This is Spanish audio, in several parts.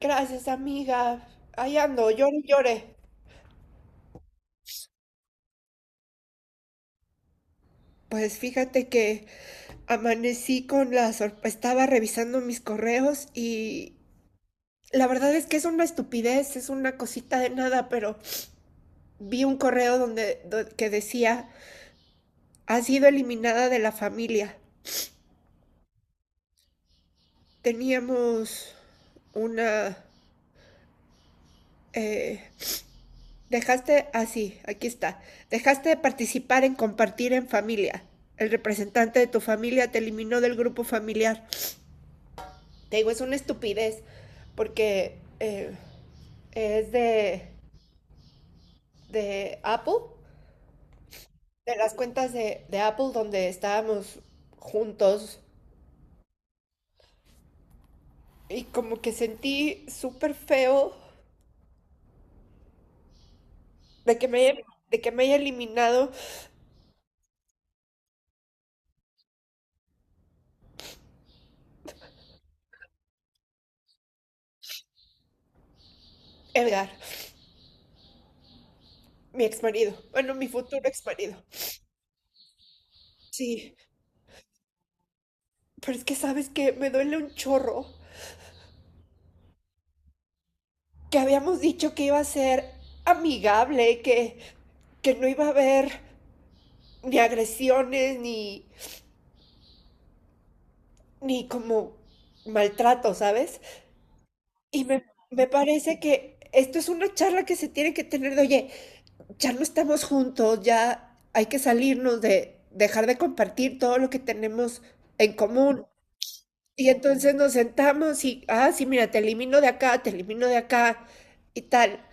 Gracias, amiga. Ahí ando, llore, y llore. Pues fíjate que amanecí con la sorpresa, estaba revisando mis correos y la verdad es que es una estupidez, es una cosita de nada, pero vi un correo donde, que decía, ha sido eliminada de la familia. Teníamos una. eh, Dejaste, así, aquí está. Dejaste de participar en compartir en familia. El representante de tu familia te eliminó del grupo familiar. Te digo, es una estupidez porque es de Apple, de las cuentas de Apple donde estábamos juntos y como que sentí súper feo de que, me haya, de que me haya eliminado Edgar, mi ex marido, bueno, mi futuro ex marido. Sí, pero es que sabes que me duele un chorro que habíamos dicho que iba a ser amigable, que no iba a haber ni agresiones ni como maltrato, ¿sabes? Y me parece que esto es una charla que se tiene que tener de, oye, ya no estamos juntos, ya hay que salirnos de dejar de compartir todo lo que tenemos en común. Y entonces nos sentamos y, ah, sí, mira, te elimino de acá, te elimino de acá y tal.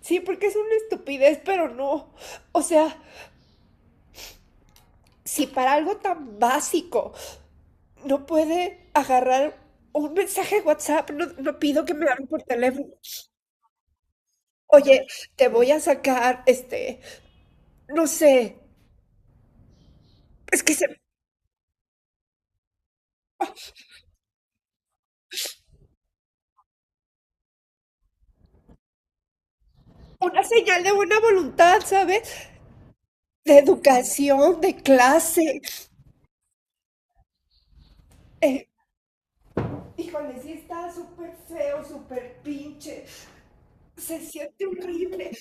Sí, porque es una estupidez, pero no. O sea, si para algo tan básico no puede agarrar un mensaje de WhatsApp, no, no pido que me hablen por teléfono. Oye, te voy a sacar, este, no sé, es que se, una señal de buena voluntad, ¿sabes? De educación, de clase. Eh, Híjole, sí está súper feo, súper pinche. Se siente horrible.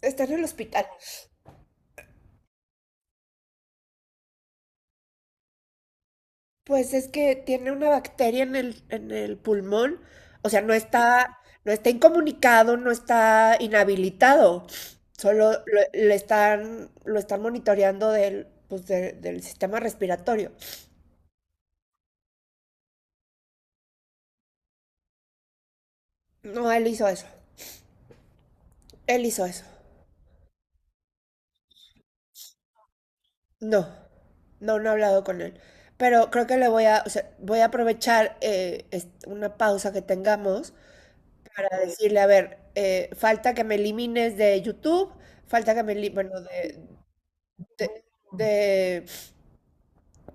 Está en el hospital. Pues es que tiene una bacteria en el pulmón, o sea, no está incomunicado, no está inhabilitado, solo lo están monitoreando del, pues, del sistema respiratorio. No, él hizo eso, él hizo eso. No, no, no he hablado con él, pero creo que le voy a, o sea, voy a aprovechar una pausa que tengamos para decirle, a ver, falta que me elimines de YouTube, falta bueno, de, de,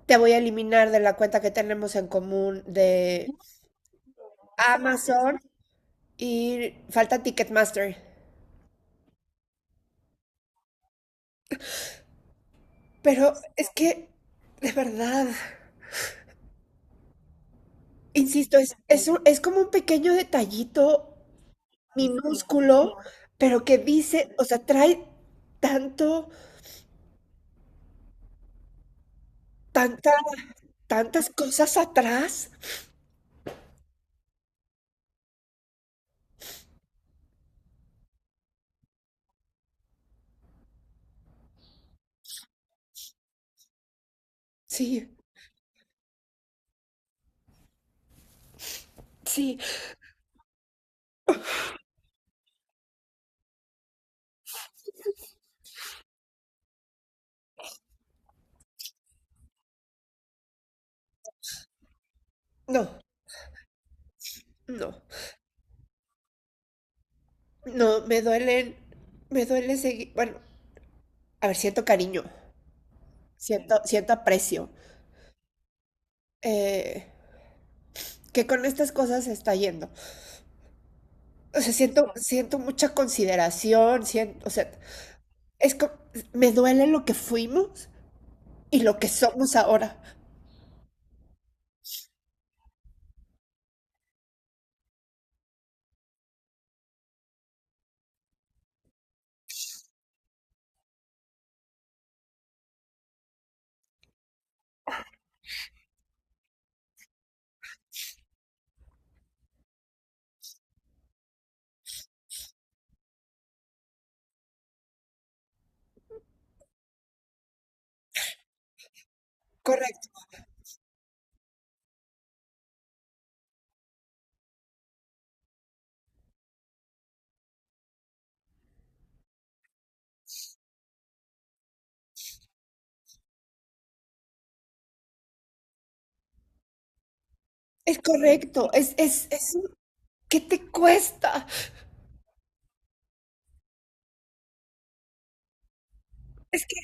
te voy a eliminar de la cuenta que tenemos en común de Amazon y falta Ticketmaster. Pero es que, de verdad, insisto, es como un pequeño detallito minúsculo, pero que dice, o sea, trae tanto, tanta, tantas cosas atrás. Sí, sí, no, no, no, me duele seguir, bueno, a ver, siento cariño, siento aprecio, eh, que con estas cosas se está yendo. O sea, siento mucha consideración, siento, o sea, es co- me duele lo que fuimos y lo que somos ahora. Correcto, es correcto, ¿qué te cuesta? Es que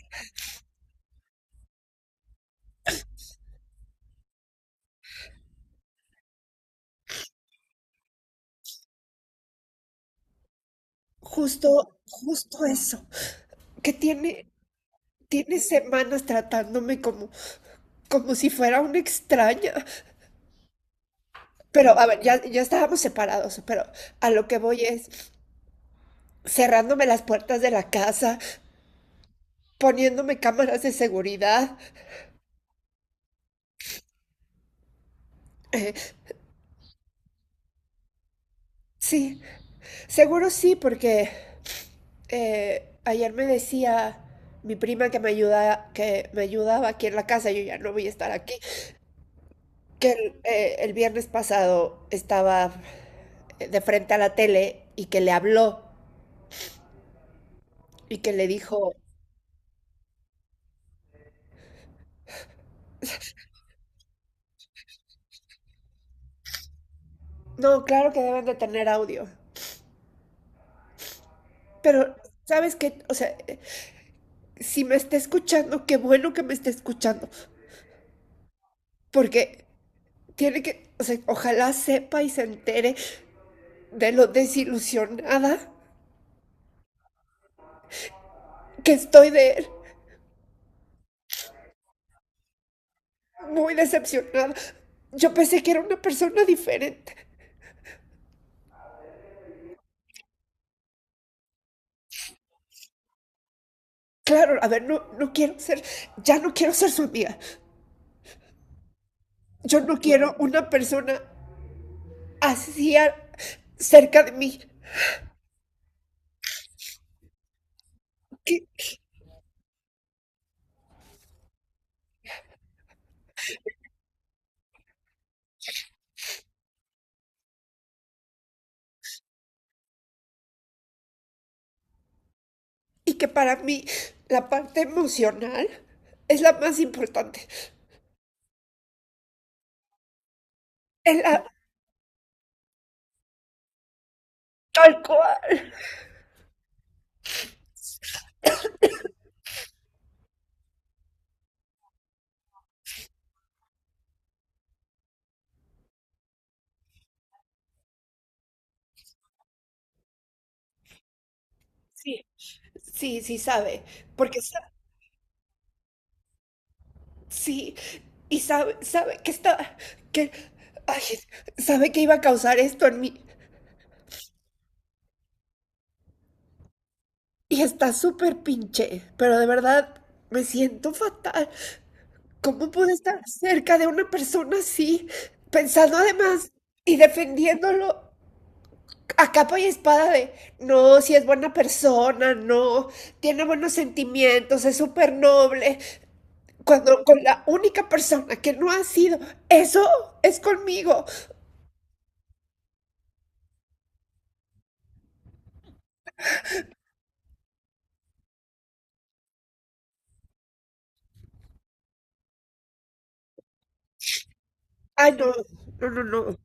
justo, justo eso, que tiene semanas tratándome como si fuera una extraña. Pero, a ver, ya estábamos separados, pero a lo que voy es cerrándome las puertas de la casa, poniéndome cámaras de seguridad. Eh, sí, seguro sí, porque ayer me decía mi prima que me ayudaba aquí en la casa, yo ya no voy a estar aquí, que el viernes pasado estaba de frente a la tele y que le habló y que le dijo, no, claro que deben de tener audio, pero sabes que, o sea, si me está escuchando, qué bueno que me esté escuchando, porque o sea, ojalá sepa y se entere de lo desilusionada que estoy de él. Muy decepcionada. Yo pensé que era una persona diferente. Claro, a ver, no, ya no quiero ser su amiga. Yo no quiero una persona así cerca de mí. Y, y que para mí la parte emocional es la más importante. Es la tal cual. Sí, sí, sí sabe. Porque sa- Sí, y sabe que está, que, ay, sabe que iba a causar esto en mí. Y está súper pinche, pero de verdad me siento fatal. ¿Cómo pude estar cerca de una persona así, pensando además y defendiéndolo a capa y espada de, no, si es buena persona, no, tiene buenos sentimientos, es súper noble, cuando con la única persona que no ha sido, eso es conmigo. Ay, no, no, no, no.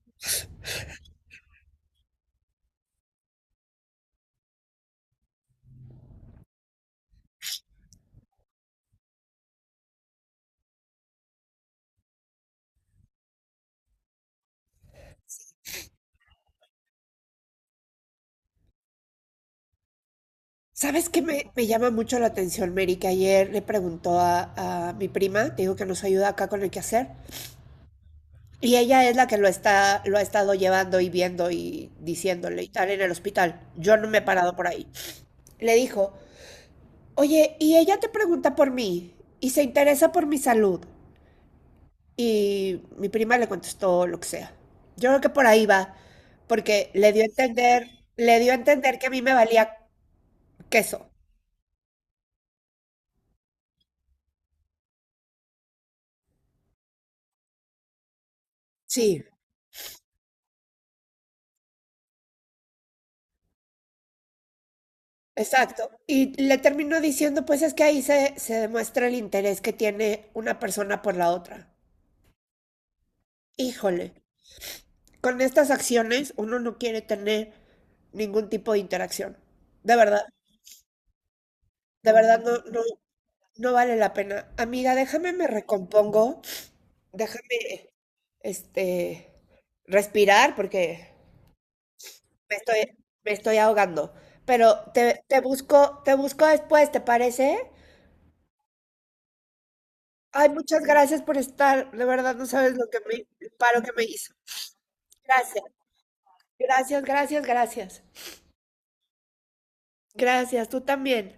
¿Sabes qué me llama mucho la atención, Mary? Que ayer le preguntó a mi prima, te digo que nos ayuda acá con el quehacer, y ella es la que lo ha estado llevando y viendo y diciéndole y tal en el hospital. Yo no me he parado por ahí. Le dijo, oye, y ella te pregunta por mí y se interesa por mi salud. Y mi prima le contestó lo que sea. Yo creo que por ahí va, porque le dio a entender que a mí me valía queso. Sí, exacto. Y le terminó diciendo, pues es que ahí se demuestra el interés que tiene una persona por la otra. Híjole, con estas acciones uno no quiere tener ningún tipo de interacción. De verdad, de verdad no, no, no vale la pena. Amiga, déjame me recompongo, déjame, este, respirar porque me estoy, me estoy ahogando. Pero te busco después, ¿te parece? Ay, muchas gracias por estar. De verdad, no sabes el paro que me hizo. Gracias, gracias, gracias, gracias. Gracias, tú también.